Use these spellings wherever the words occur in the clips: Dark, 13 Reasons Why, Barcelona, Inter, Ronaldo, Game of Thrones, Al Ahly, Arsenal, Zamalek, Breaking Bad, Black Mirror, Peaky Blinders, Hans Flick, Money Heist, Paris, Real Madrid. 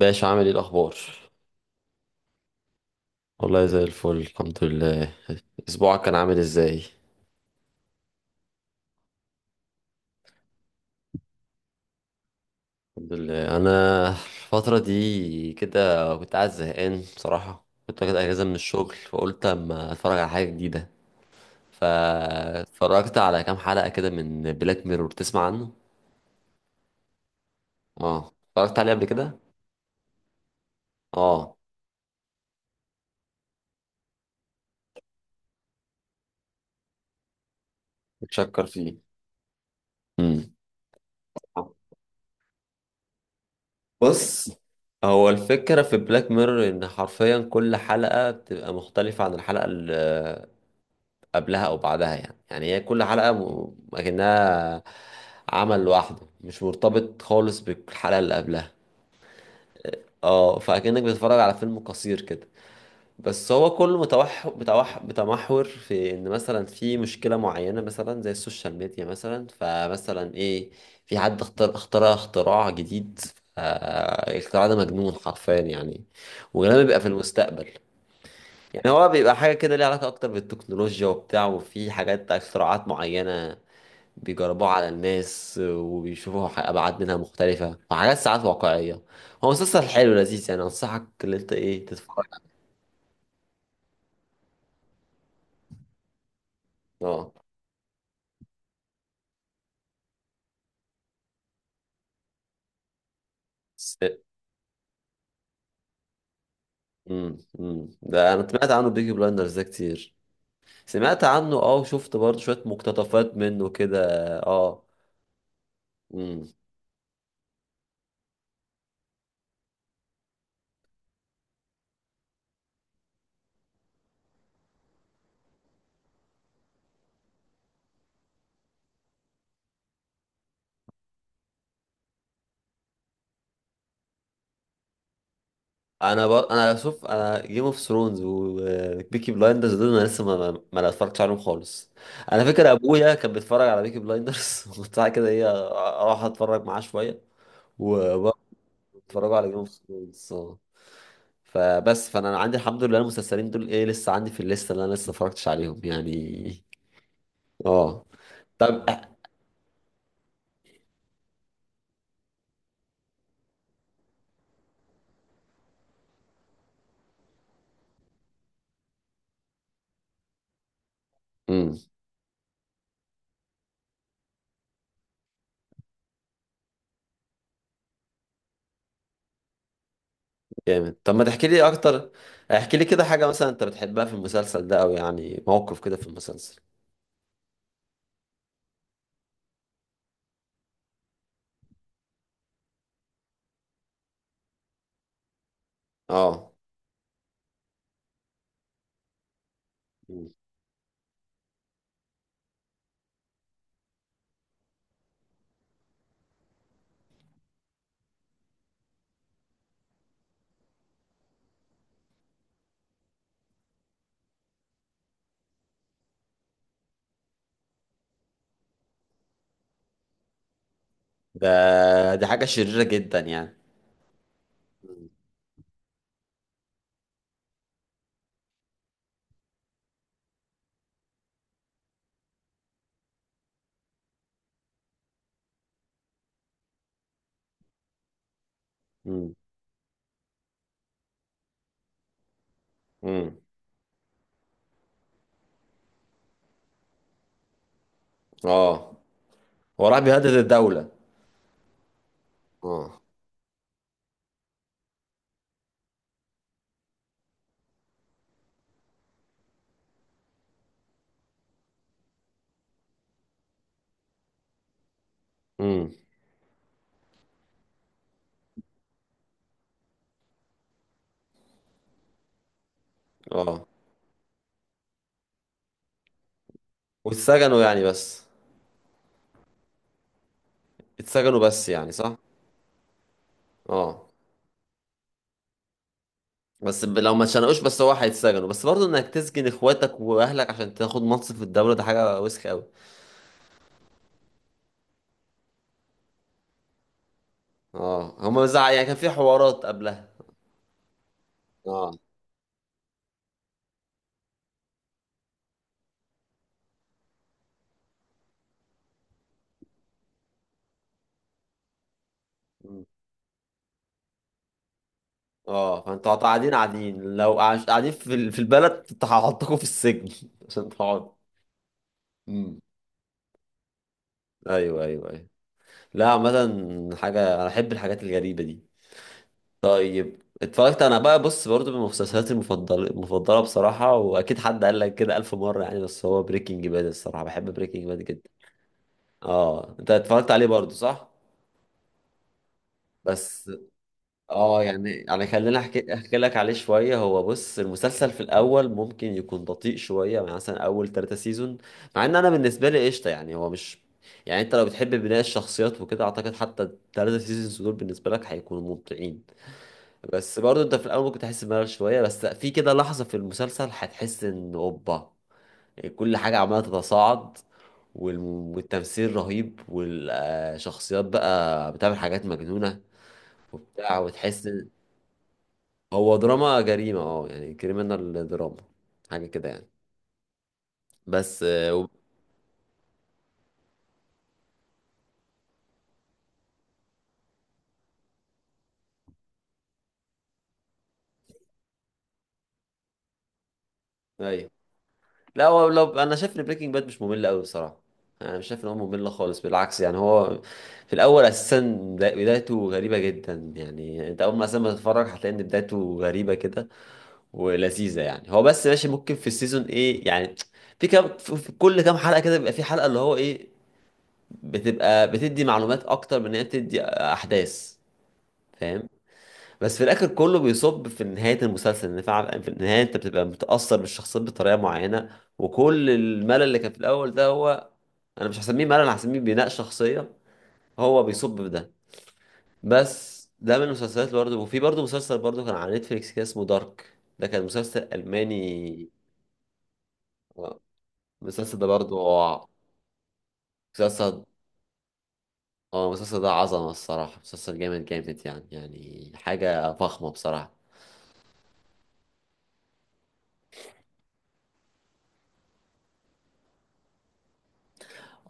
باشا، عامل ايه الاخبار؟ والله زي الفل، الحمد لله. اسبوعك كان عامل ازاي؟ الحمد لله. انا الفتره دي كده كنت قاعد زهقان بصراحه، كنت واخد اجازه من الشغل فقلت اما اتفرج على حاجه جديده. فاتفرجت على كام حلقه كده من بلاك ميرور، تسمع عنه؟ اه اتفرجت عليه قبل كده. اه متشكر فيه. امم بص، هو الفكرة في بلاك ميرور إن حرفيا كل حلقة بتبقى مختلفة عن الحلقة قبلها او بعدها. يعني هي كل حلقه اكنها عمل لوحده، مش مرتبط خالص بالحلقه اللي قبلها. اه فاكنك بتتفرج على فيلم قصير كده. بس هو كله متوح متوح متمحور في ان مثلا في مشكله معينه، مثلا زي السوشيال ميديا. مثلا فمثلا ايه، في حد اخترع اختراع جديد. الاختراع ده مجنون حرفيا يعني، وغالبا بيبقى في المستقبل. يعني هو بيبقى حاجة كده ليها علاقة أكتر بالتكنولوجيا وبتاع، وفي حاجات اختراعات معينة بيجربوه على الناس وبيشوفوا ابعاد منها مختلفه وحاجات ساعات واقعيه. هو مسلسل حلو لذيذ يعني، انصحك ان انت ايه تتفرج عليه. اه. س- ده انا سمعت عنه بيكي بلايندرز ده كتير. سمعت عنه اه، وشفت برضه شويه مقتطفات منه كده. اه مم. انا شوف، انا جيم اوف ثرونز وبيكي بلايندرز دول انا لسه ما اتفرجتش عليهم خالص. انا فاكر ابويا كان بيتفرج على بيكي بلايندرز وبتاع كده ايه، اروح اتفرج معاه شويه. اتفرجوا على جيم اوف ثرونز اه. فبس فانا عندي الحمد لله المسلسلين دول ايه لسه عندي في الليسته اللي انا لسه ما اتفرجتش عليهم يعني. اه. طب. امم. جامد. طب ما تحكي لي اكتر، احكي لي كده حاجه مثلا انت بتحبها في المسلسل ده، او يعني موقف كده في المسلسل. اه مم. ده دي حاجه شريره جدا يعني. امم. امم. اه هو راح بيهدد الدوله. اه. امم. اه واتسجنوا يعني بس، اتسجنوا بس يعني صح. اه بس لو ما اتشنقوش بس هو هيتسجنوا بس، برضه انك تسجن اخواتك واهلك عشان تاخد منصب في الدولة، ده حاجة وسخ قوي. اه هما بيزعق يعني، كان في حوارات قبلها. اه. م. اه فانتوا قاعدين لو قاعدين في البلد، انت هحطكم في السجن عشان تقعدوا. م. ايوه ايوه ايوه. لا عامة حاجة انا احب الحاجات الغريبة دي. طيب اتفرجت انا بقى، بص برضو من مسلسلاتي المفضله بصراحه، واكيد حد قال لك كده الف مره يعني، بس هو بريكنج باد الصراحه بحب بريكنج باد جدا. اه انت اتفرجت عليه برضه صح؟ بس اه يعني خليني احكي لك عليه شويه. هو بص، المسلسل في الاول ممكن يكون بطيء شويه، يعني مثلا اول ثلاثة سيزون، مع ان انا بالنسبه لي قشطه يعني، هو مش يعني. انت لو بتحب بناء الشخصيات وكده اعتقد حتى الثلاثة سيزونز دول بالنسبه لك هيكونوا ممتعين. بس برضه انت في الاول ممكن تحس بملل شويه، بس في كده لحظه في المسلسل هتحس ان اوبا، كل حاجة عمالة تتصاعد، والتمثيل رهيب، والشخصيات بقى بتعمل حاجات مجنونة وبتاع، وتحس هو دراما جريمة اه يعني، كريمنال دراما حاجة كده يعني. بس ايوه لا هو لو انا شايف ان بريكنج باد مش ممل قوي بصراحة. انا مش شايف ان هو ممل خالص، بالعكس يعني. هو في الاول اساسا بدايته غريبة جدا يعني. انت اول ما اساسا ما تتفرج هتلاقي ان بدايته غريبة كده ولذيذه يعني. هو بس ماشي، ممكن في السيزون ايه يعني، في كل كام حلقه كده بيبقى في حلقه اللي هو ايه، بتبقى بتدي معلومات اكتر من ان هي بتدي احداث، فاهم؟ بس في الاخر كله بيصب في نهايه المسلسل، ان فعلا في النهايه انت بتبقى متاثر بالشخصيات بطريقه معينه، وكل الملل اللي كان في الاول ده هو انا مش هسميه ملل، أنا هسميه بناء شخصيه. هو بيصب في ده. بس ده من المسلسلات اللي برضه، وفي برضه مسلسل برضه كان على نتفليكس كده اسمه دارك، ده كان مسلسل الماني. المسلسل ده برضو مسلسل، اه المسلسل ده عظمة الصراحة، مسلسل جامد جامد يعني، يعني حاجة فخمة بصراحة.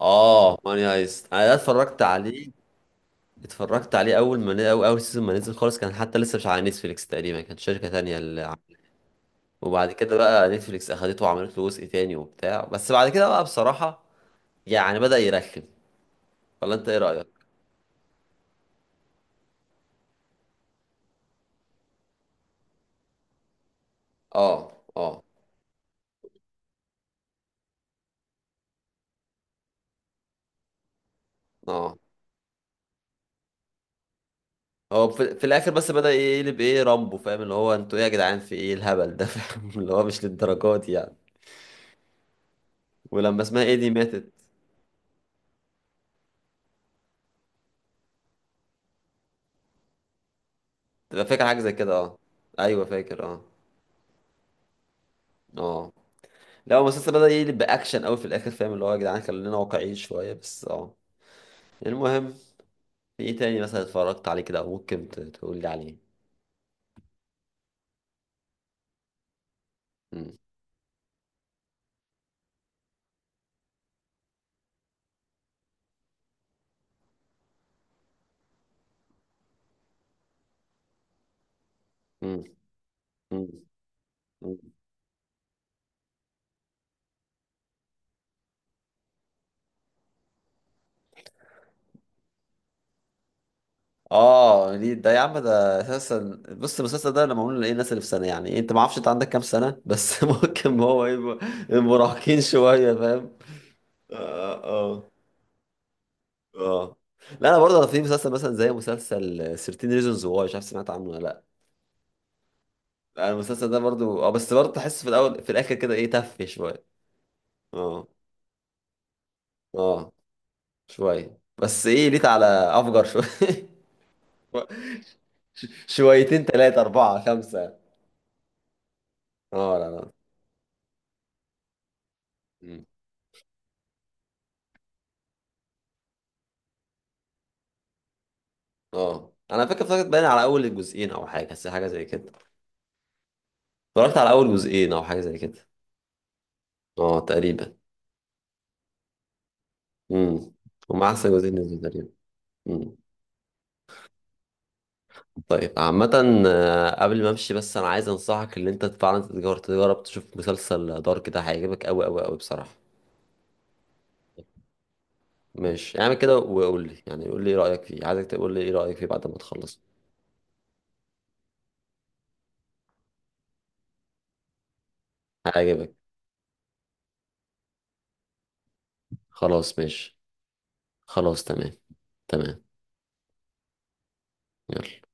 اه ماني هايست انا ده اتفرجت عليه. اتفرجت عليه اول ما اول سيزون ما نزل خالص، كان حتى لسه مش على نتفليكس تقريبا، كانت شركة تانية اللي عاملة. وبعد كده بقى نتفليكس اخدته وعملت له جزء تاني وبتاع، بس بعد كده بقى بصراحة يعني بدأ يرخم، ولا انت ايه رأيك؟ اه. اه. اه هو في الاخر بس بدأ يقلب ايه رامبو، فاهم اللي هو انتوا ايه يا جدعان، في ايه الهبل ده فاهم اللي هو مش للدرجات دي يعني. ولما اسمها ايه دي ماتت، تبقى فاكر حاجه زي كده اه. ايوه فاكر اه. اه لا هو المسلسل بدأ يقلب باكشن قوي في الاخر، فاهم اللي هو يا جدعان خلينا واقعيين شويه بس. اه المهم، في ايه تاني مثلا اتفرجت عليه كده، او ممكن تقول لي عليه؟ امم. امم. اه دي ده يا عم ده اساسا، بص المسلسل ده لما معمول لايه الناس اللي في سنه يعني. انت ما اعرفش انت عندك كام سنه بس ممكن هو يبقى مراهقين شويه فاهم. اه. اه. اه لا انا برضه في مسلسل مثلا زي مسلسل 13 ريزونز واي، مش عارف سمعت عنه ولا لا. أنا المسلسل ده برضه اه، بس برضه تحس في الاول في الاخر كده ايه تف شويه. اه. اه. شويه بس ايه، ليت على افجر شويه. شويتين ثلاثه اربعه خمسه. اه. لا لا. اه انا فاكر اتفرجت باين على اول الجزئين او حاجه، بس حاجه زي كده. اتفرجت على اول جزئين او حاجه زي كده. اه تقريبا. امم. هما احسن جزئين نزلوا تقريبا. امم. طيب عامة، قبل ما امشي بس انا عايز انصحك ان انت فعلا تجرب تشوف مسلسل دارك ده، هيعجبك قوي قوي قوي بصراحة. ماشي اعمل كده، وقول لي يعني قول لي ايه رأيك فيه، عايزك تقول لي ايه رأيك فيه بعد ما تخلص. هيعجبك. خلاص ماشي. خلاص تمام. تمام. يلا.